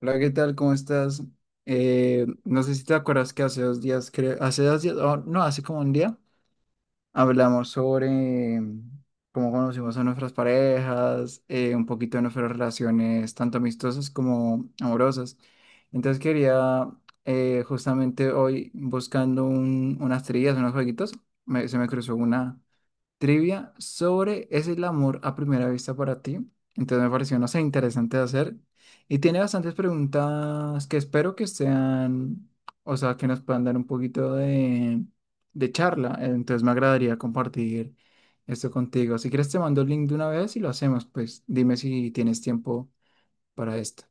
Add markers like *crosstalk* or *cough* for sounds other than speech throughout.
Hola, ¿qué tal? ¿Cómo estás? No sé si te acuerdas que hace dos días, creo, hace dos días, o no, hace como un día, hablamos sobre mm, cómo conocimos a nuestras parejas, un poquito de nuestras relaciones, tanto amistosas como amorosas. Entonces quería, justamente hoy, buscando unas trillas, unos jueguitos, se me cruzó una trivia sobre ¿es el amor a primera vista para ti? Entonces me pareció, no sé, interesante de hacer. Y tiene bastantes preguntas que espero que sean, o sea, que nos puedan dar un poquito de charla. Entonces me agradaría compartir esto contigo. Si quieres te mando el link de una vez y lo hacemos, pues dime si tienes tiempo para esto.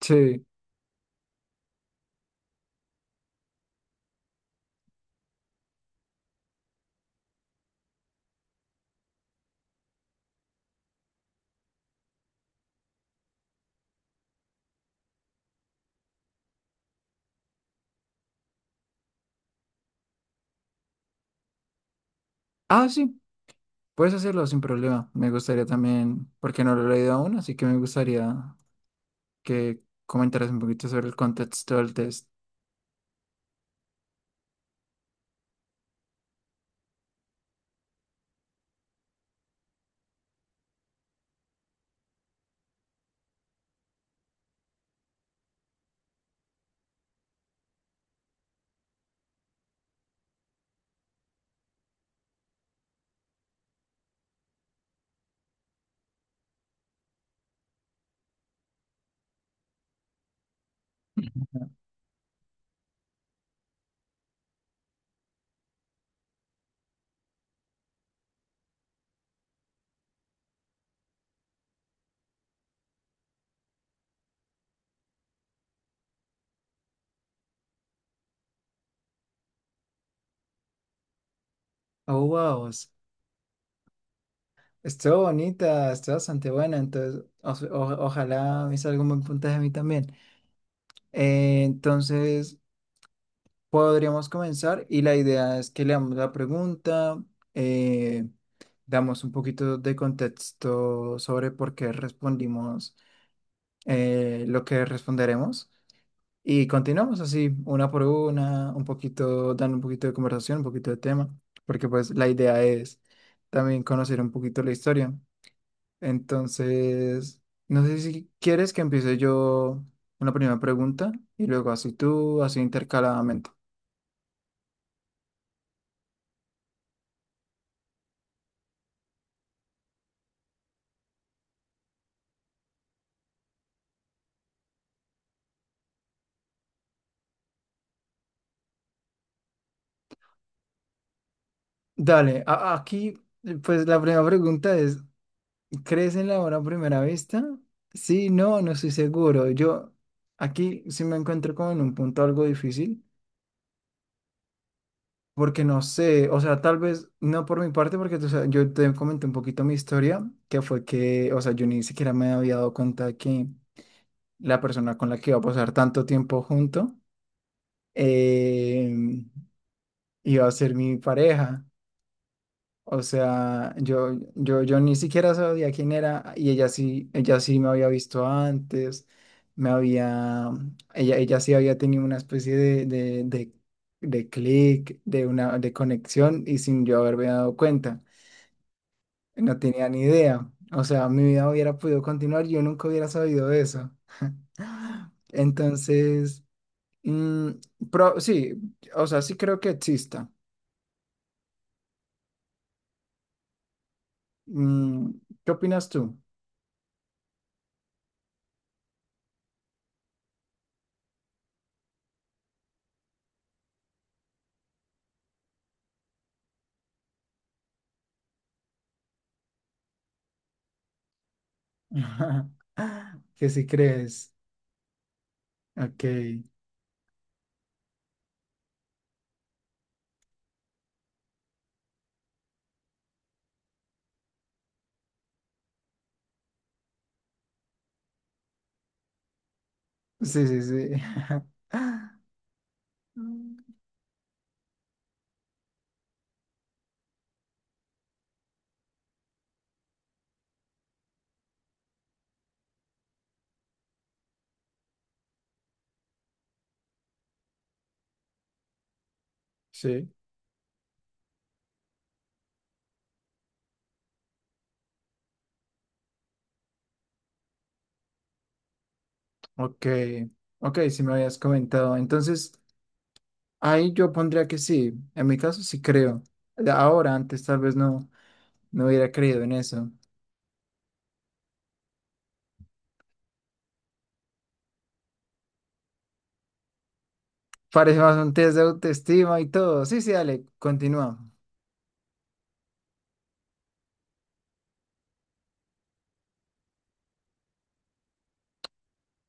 Sí. Ah, sí, puedes hacerlo sin problema. Me gustaría también, porque no lo he leído aún, así que me gustaría que comentaras un poquito sobre el contexto del test. Oh, wow. Estuvo bonita, estuvo bastante buena. Entonces, ojalá me salga un buen puntaje a mí también. Eh, entonces, Podríamos comenzar y la idea es que leamos la pregunta, eh, damos un poquito de contexto sobre por qué respondimos lo que responderemos y continuamos así, una por una, un poquito, dando un poquito de conversación, un poquito de tema, porque pues la idea es también conocer un poquito la historia. Entonces, no sé si quieres que empiece yo una primera pregunta y luego así tú, así intercaladamente. Dale, aquí, pues la primera pregunta es, ¿crees en la hora a primera vista? Sí, no estoy seguro. Yo aquí sí me encuentro como en un punto algo difícil, porque no sé, o sea, tal vez no por mi parte, porque tú sabes, yo te comenté un poquito mi historia, que fue que, o sea, yo ni siquiera me había dado cuenta que la persona con la que iba a pasar tanto tiempo junto eh, iba a ser mi pareja. O sea, yo ni siquiera sabía quién era y ella sí me había visto antes, me había, ella sí había tenido una especie de clic, de una, de conexión y sin yo haberme dado cuenta. No tenía ni idea. O sea, mi vida hubiera podido continuar, yo nunca hubiera sabido eso. *gasps* Entonces, mm, sí, o sea, sí creo que exista. Mm, ¿Qué opinas tú? *laughs* Que si crees. Ok. Sí, sí, sí. *laughs* Mm. Sí. Ok. Ok, si me habías comentado. Entonces, ahí yo pondría que sí. En mi caso sí creo. Ahora, antes tal vez no, no hubiera creído en eso. Parece más un test de autoestima y todo. Sí, sí, dale, continúa.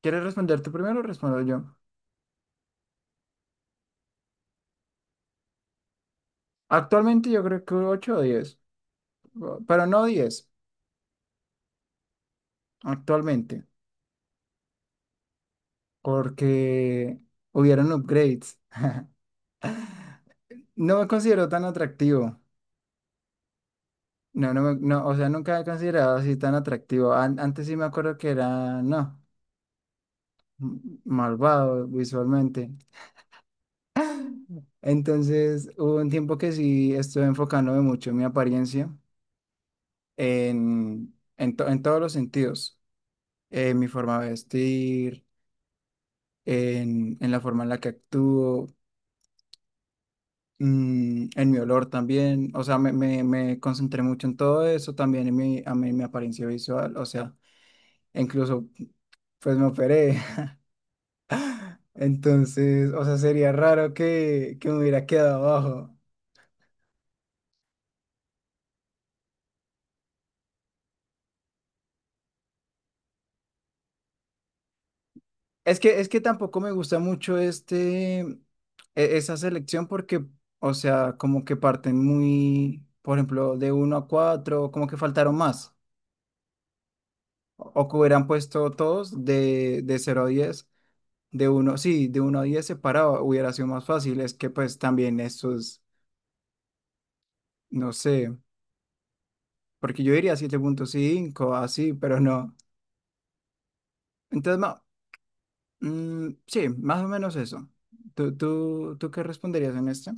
¿Quieres responder tú primero o respondo yo? Actualmente yo creo que 8 o 10, pero no 10 actualmente. Porque hubieron upgrades. No me considero tan atractivo. No, no, no, o sea, nunca he considerado así tan atractivo. Antes sí me acuerdo que era, no, m- malvado visualmente. Entonces, hubo un tiempo que sí estuve enfocándome mucho en mi apariencia, en todos los sentidos, en mi forma de vestir, en la forma en la que actúo. Mm, en mi olor también, o sea, me concentré mucho en todo eso, también en mi, a mí, mi apariencia visual, o sea, incluso pues me operé, *laughs* entonces, o sea, sería raro que me hubiera quedado abajo. Es que tampoco me gusta mucho este, esa selección porque, o sea, como que parten muy, por ejemplo, de uno a 4 como que faltaron más, o que hubieran puesto todos de cero a diez. De uno, sí, de uno a diez separado hubiera sido más fácil. Es que pues también estos, no sé, porque yo diría siete punto cinco así, pero no. Entonces, sí, más o menos eso. Tú qué responderías en esto?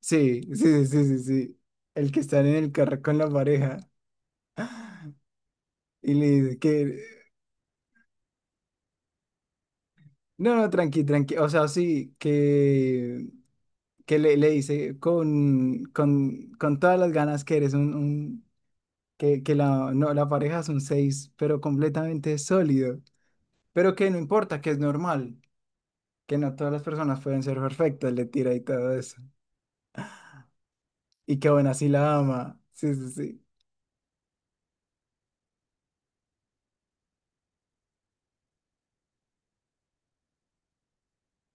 Sí, *laughs* sí, sí, sí, sí. sí. El que está en el carro con la pareja *laughs* y le dice que... No, no, tranqui, tranqui. O sea, sí, que le dice con todas las ganas que eres un, que la, no, la pareja es un 6, pero completamente sólido. Pero que no importa, que es normal, que no todas las personas pueden ser perfectas, le tira y todo eso. Y que bueno, así la ama. Sí, sí, sí.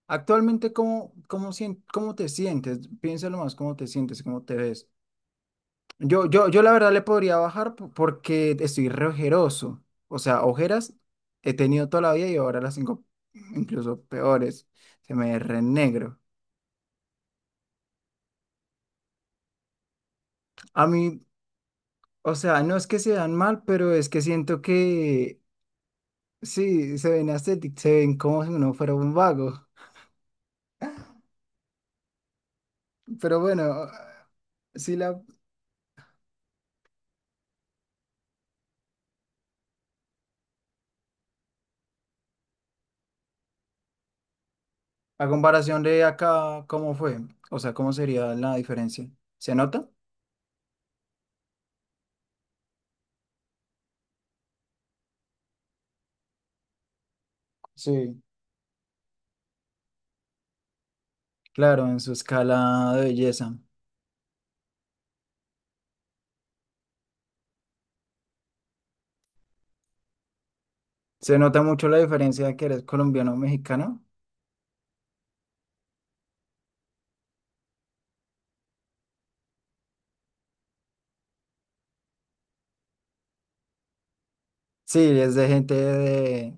Actualmente, ¿cómo, cómo, cómo te sientes? Piénsalo más, ¿cómo te sientes? ¿Cómo te ves? Yo la verdad le podría bajar porque estoy re ojeroso. O sea, ojeras he tenido toda la vida y ahora las tengo incluso peores. Se me ve re negro. A mí, o sea, no es que se vean mal, pero es que siento que sí, se ven ascetic, se ven como si uno fuera un vago. Pero bueno, sí la comparación de acá, ¿cómo fue? O sea, ¿cómo sería la diferencia? ¿Se nota? Sí, claro, en su escala de belleza. ¿Se nota mucho la diferencia de que eres colombiano o mexicano? Sí, es de gente de,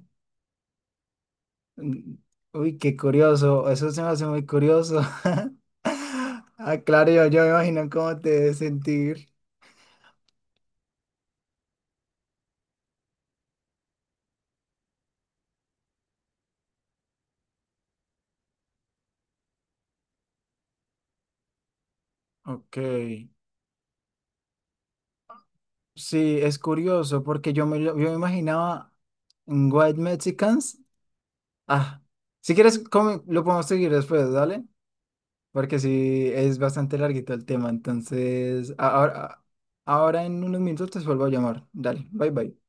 mm, uy, qué curioso, eso se me hace muy curioso. *laughs* Ah, claro, yo me imagino cómo te debes sentir. Ok, sí, es curioso porque yo me, yo me imaginaba un White Mexicans. Ah, si quieres, lo podemos seguir después, ¿dale? Porque sí, es bastante larguito el tema, entonces ahora, ahora en unos minutos te vuelvo a llamar. Dale, bye bye.